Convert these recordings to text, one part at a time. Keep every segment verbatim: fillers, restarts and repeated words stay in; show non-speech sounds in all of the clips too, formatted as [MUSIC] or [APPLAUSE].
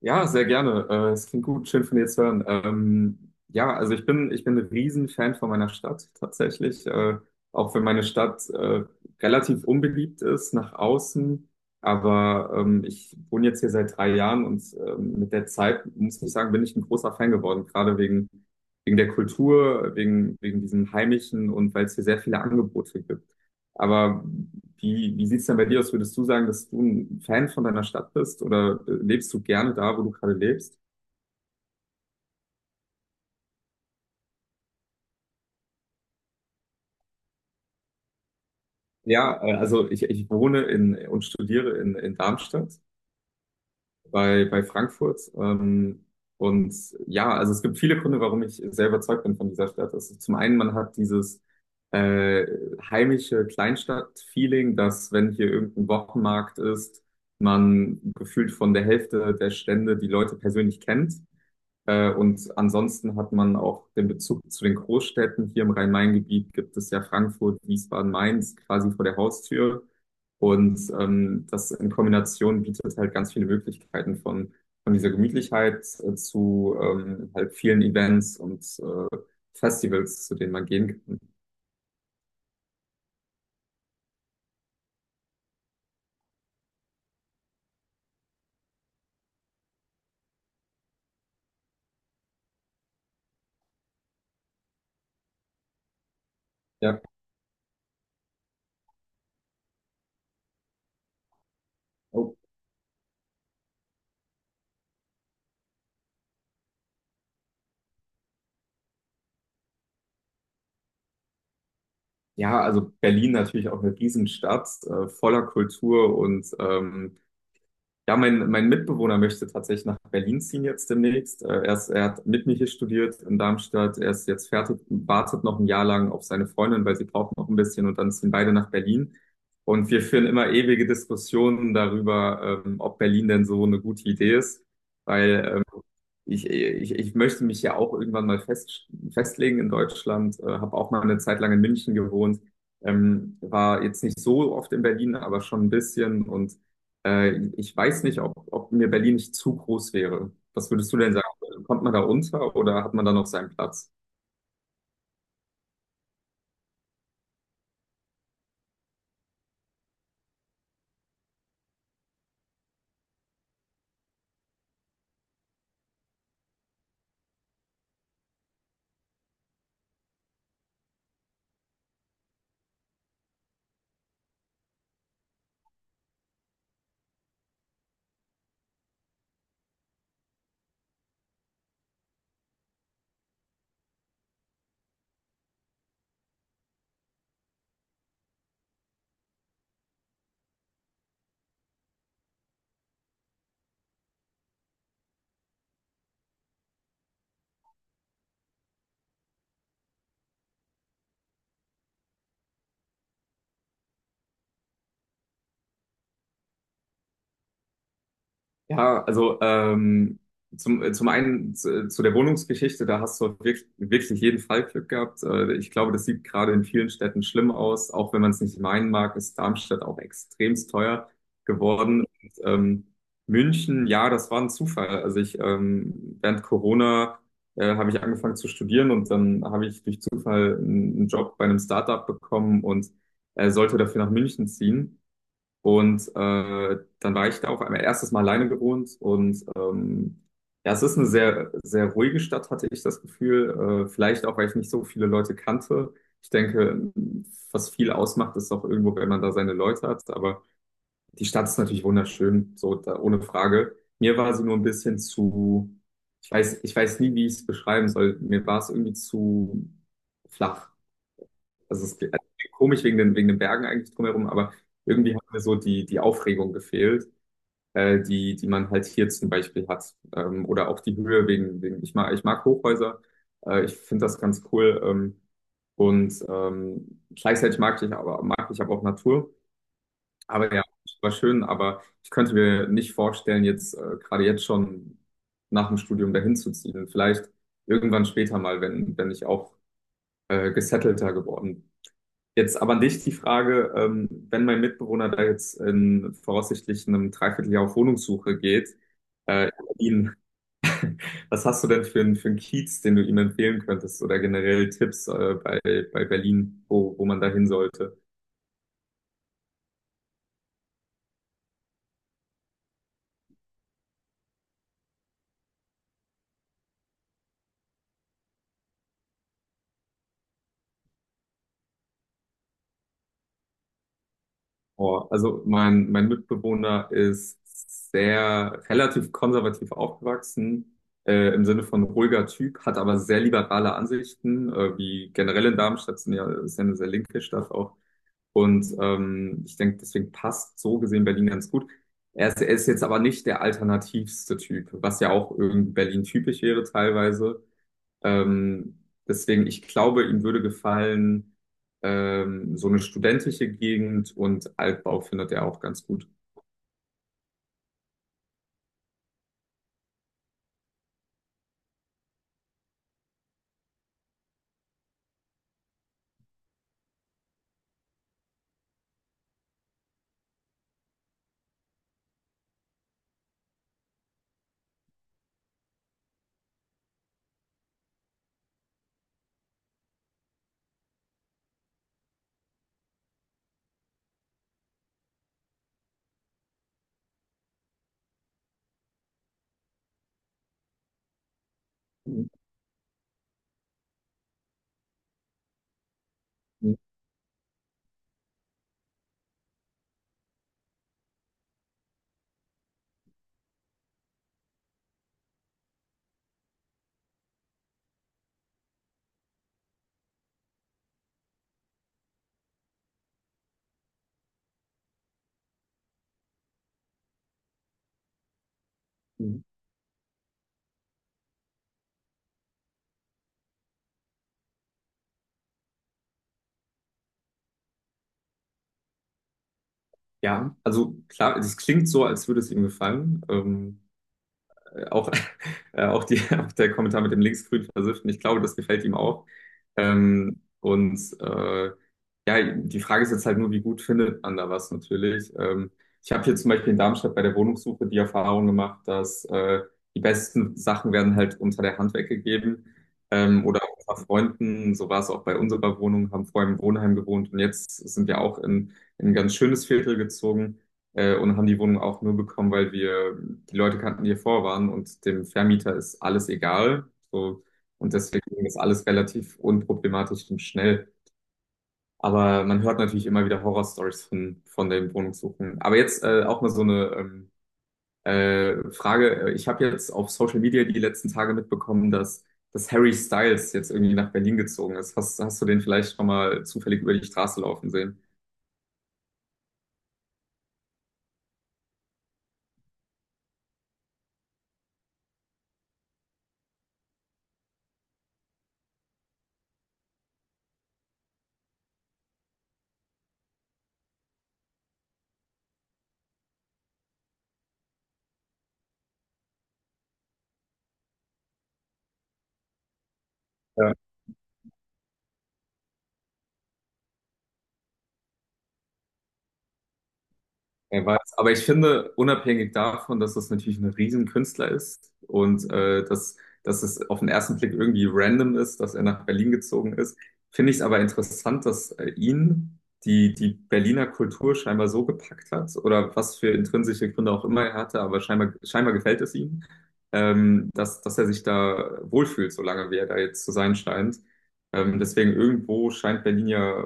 Ja, sehr gerne. Äh, Es klingt gut, schön von dir zu hören. Ähm, ja, also ich bin, ich bin ein Riesenfan von meiner Stadt tatsächlich. Äh, auch wenn meine Stadt äh, relativ unbeliebt ist nach außen. Aber ähm, ich wohne jetzt hier seit drei Jahren und ähm, mit der Zeit, muss ich sagen, bin ich ein großer Fan geworden. Gerade wegen, wegen der Kultur, wegen, wegen diesem Heimischen und weil es hier sehr viele Angebote gibt. Aber wie, wie sieht es denn bei dir aus? Würdest du sagen, dass du ein Fan von deiner Stadt bist oder äh, lebst du gerne da, wo du gerade lebst? Ja, äh, also ich, ich wohne in und studiere in, in Darmstadt bei, bei Frankfurt. Ähm, und ja, also es gibt viele Gründe, warum ich sehr überzeugt bin von dieser Stadt. Also zum einen, man hat dieses äh, heimische Kleinstadt-Feeling, dass wenn hier irgendein Wochenmarkt ist, man gefühlt von der Hälfte der Stände die Leute persönlich kennt. Äh, und ansonsten hat man auch den Bezug zu den Großstädten. Hier im Rhein-Main-Gebiet gibt es ja Frankfurt, Wiesbaden, Mainz quasi vor der Haustür. Und ähm, das in Kombination bietet halt ganz viele Möglichkeiten von, von dieser Gemütlichkeit äh, zu ähm, halt vielen Events und äh, Festivals, zu denen man gehen kann. Ja. Oh. Ja, also Berlin natürlich auch eine Riesenstadt, äh, voller Kultur und ähm, ja, mein, mein Mitbewohner möchte tatsächlich nach Berlin ziehen jetzt demnächst. Äh, Er ist, er hat mit mir hier studiert in Darmstadt. Er ist jetzt fertig, wartet noch ein Jahr lang auf seine Freundin, weil sie braucht noch ein bisschen und dann ziehen beide nach Berlin. Und wir führen immer ewige Diskussionen darüber, ähm, ob Berlin denn so eine gute Idee ist, weil ich, ich, ich möchte mich ja auch irgendwann mal fest, festlegen in Deutschland, äh, habe auch mal eine Zeit lang in München gewohnt, ähm, war jetzt nicht so oft in Berlin, aber schon ein bisschen und äh, ich weiß nicht, ob, ob mir Berlin nicht zu groß wäre. Was würdest du denn sagen? Kommt man da unter oder hat man da noch seinen Platz? Ja, also ähm, zum, äh, zum einen zu, zu der Wohnungsgeschichte, da hast du wirklich, wirklich jeden Fall Glück gehabt. Äh, Ich glaube, das sieht gerade in vielen Städten schlimm aus. Auch wenn man es nicht meinen mag, ist Darmstadt auch extremst teuer geworden. Und, ähm, München, ja, das war ein Zufall. Also ich, ähm, während Corona äh, habe ich angefangen zu studieren und dann habe ich durch Zufall einen einen Job bei einem Startup bekommen und äh, sollte dafür nach München ziehen. Und äh, dann war ich da auf einmal erstes Mal alleine gewohnt und ähm, ja, es ist eine sehr, sehr ruhige Stadt, hatte ich das Gefühl. Äh, vielleicht auch, weil ich nicht so viele Leute kannte. Ich denke, was viel ausmacht, ist auch irgendwo, wenn man da seine Leute hat. Aber die Stadt ist natürlich wunderschön, so da, ohne Frage. Mir war sie nur ein bisschen zu, ich weiß, ich weiß nie, wie ich es beschreiben soll. Mir war es irgendwie zu flach. Also es ist komisch wegen den, wegen den Bergen eigentlich drumherum, aber irgendwie hat mir so die, die Aufregung gefehlt, äh, die, die man halt hier zum Beispiel hat. Ähm, oder auch die Höhe wegen, wegen ich mag, ich mag Hochhäuser. Äh, ich finde das ganz cool. Ähm, und ähm, gleichzeitig mag ich aber mag ich aber auch Natur. Aber ja, es war schön, aber ich könnte mir nicht vorstellen, jetzt äh, gerade jetzt schon nach dem Studium dahin zu ziehen. Vielleicht irgendwann später mal, wenn, wenn ich auch äh, gesettelter geworden bin. Jetzt aber an dich die Frage, ähm, wenn mein Mitbewohner da jetzt in voraussichtlich einem Dreivierteljahr auf Wohnungssuche geht, äh, ihn, was hast du denn für einen, für einen Kiez, den du ihm empfehlen könntest oder generell Tipps, äh, bei, bei Berlin, wo, wo man da hin sollte? Oh, also mein, mein Mitbewohner ist sehr relativ konservativ aufgewachsen, äh, im Sinne von ruhiger Typ, hat aber sehr liberale Ansichten, äh, wie generell in Darmstadt, sind ja, ist ja eine sehr linke Stadt auch. Und ähm, ich denke, deswegen passt so gesehen Berlin ganz gut. Er ist, er ist jetzt aber nicht der alternativste Typ, was ja auch irgendwie Berlin typisch wäre teilweise. Ähm, Deswegen, ich glaube, ihm würde gefallen, ähm, so eine studentische Gegend und Altbau findet er auch ganz gut. Mhm. Mhm. Ja, also klar, es klingt so, als würde es ihm gefallen. Ähm, äh, auch, [LAUGHS] äh, auch, die, [LAUGHS] auch der Kommentar mit dem linksgrün Versifften, ich glaube, das gefällt ihm auch. Ähm, und äh, ja, die Frage ist jetzt halt nur, wie gut findet man da was natürlich. Ähm, ich habe hier zum Beispiel in Darmstadt bei der Wohnungssuche die Erfahrung gemacht, dass äh, die besten Sachen werden halt unter der Hand weggegeben. Ähm, oder auch unter Freunden, so war es auch bei unserer Wohnung, haben vorher im Wohnheim gewohnt und jetzt sind wir auch in, in ein ganz schönes Viertel gezogen äh, und haben die Wohnung auch nur bekommen, weil wir die Leute kannten, die hier vor waren und dem Vermieter ist alles egal. So, und deswegen ging das alles relativ unproblematisch und schnell. Aber man hört natürlich immer wieder Horrorstories von, von den Wohnungssuchen. Aber jetzt äh, auch mal so eine ähm, äh, Frage. Ich habe jetzt auf Social Media die letzten Tage mitbekommen, dass, dass Harry Styles jetzt irgendwie nach Berlin gezogen ist. Hast, hast du den vielleicht schon mal zufällig über die Straße laufen sehen? Er weiß. Aber ich finde, unabhängig davon, dass das natürlich ein Riesenkünstler ist und äh, dass, dass es auf den ersten Blick irgendwie random ist, dass er nach Berlin gezogen ist, finde ich es aber interessant, dass äh, ihn die, die Berliner Kultur scheinbar so gepackt hat oder was für intrinsische Gründe auch immer er hatte, aber scheinbar, scheinbar gefällt es ihm, ähm, dass, dass er sich da wohlfühlt, solange wie er da jetzt zu sein scheint. Ähm, deswegen irgendwo scheint Berlin ja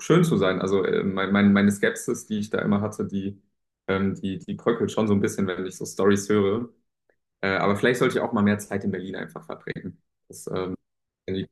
schön zu sein. Also äh, mein, mein, meine Skepsis, die ich da immer hatte, die, ähm, die, die bröckelt schon so ein bisschen, wenn ich so Stories höre. Äh, aber vielleicht sollte ich auch mal mehr Zeit in Berlin einfach verbringen. Das ähm, irgendwie-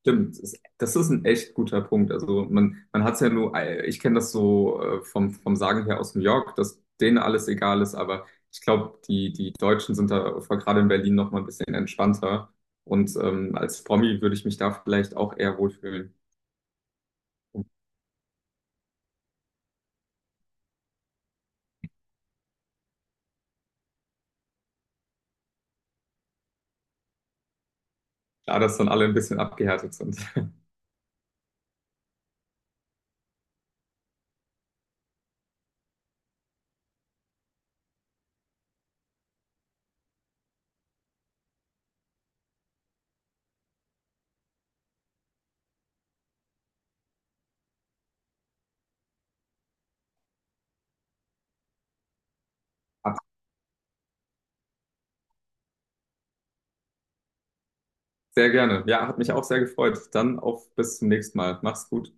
stimmt. Das ist, das ist ein echt guter Punkt. Also man, man hat es ja nur, äh, ich kenne das so äh, vom, vom Sagen her aus New York, dass denen alles egal ist, aber ich glaube, die, die Deutschen sind da vor- gerade in Berlin noch mal ein bisschen entspannter. Und ähm, als Promi würde ich mich da vielleicht auch eher wohlfühlen. Klar, dass dann alle ein bisschen abgehärtet sind. [LAUGHS] Sehr gerne. Ja, hat mich auch sehr gefreut. Dann auf bis zum nächsten Mal. Mach's gut.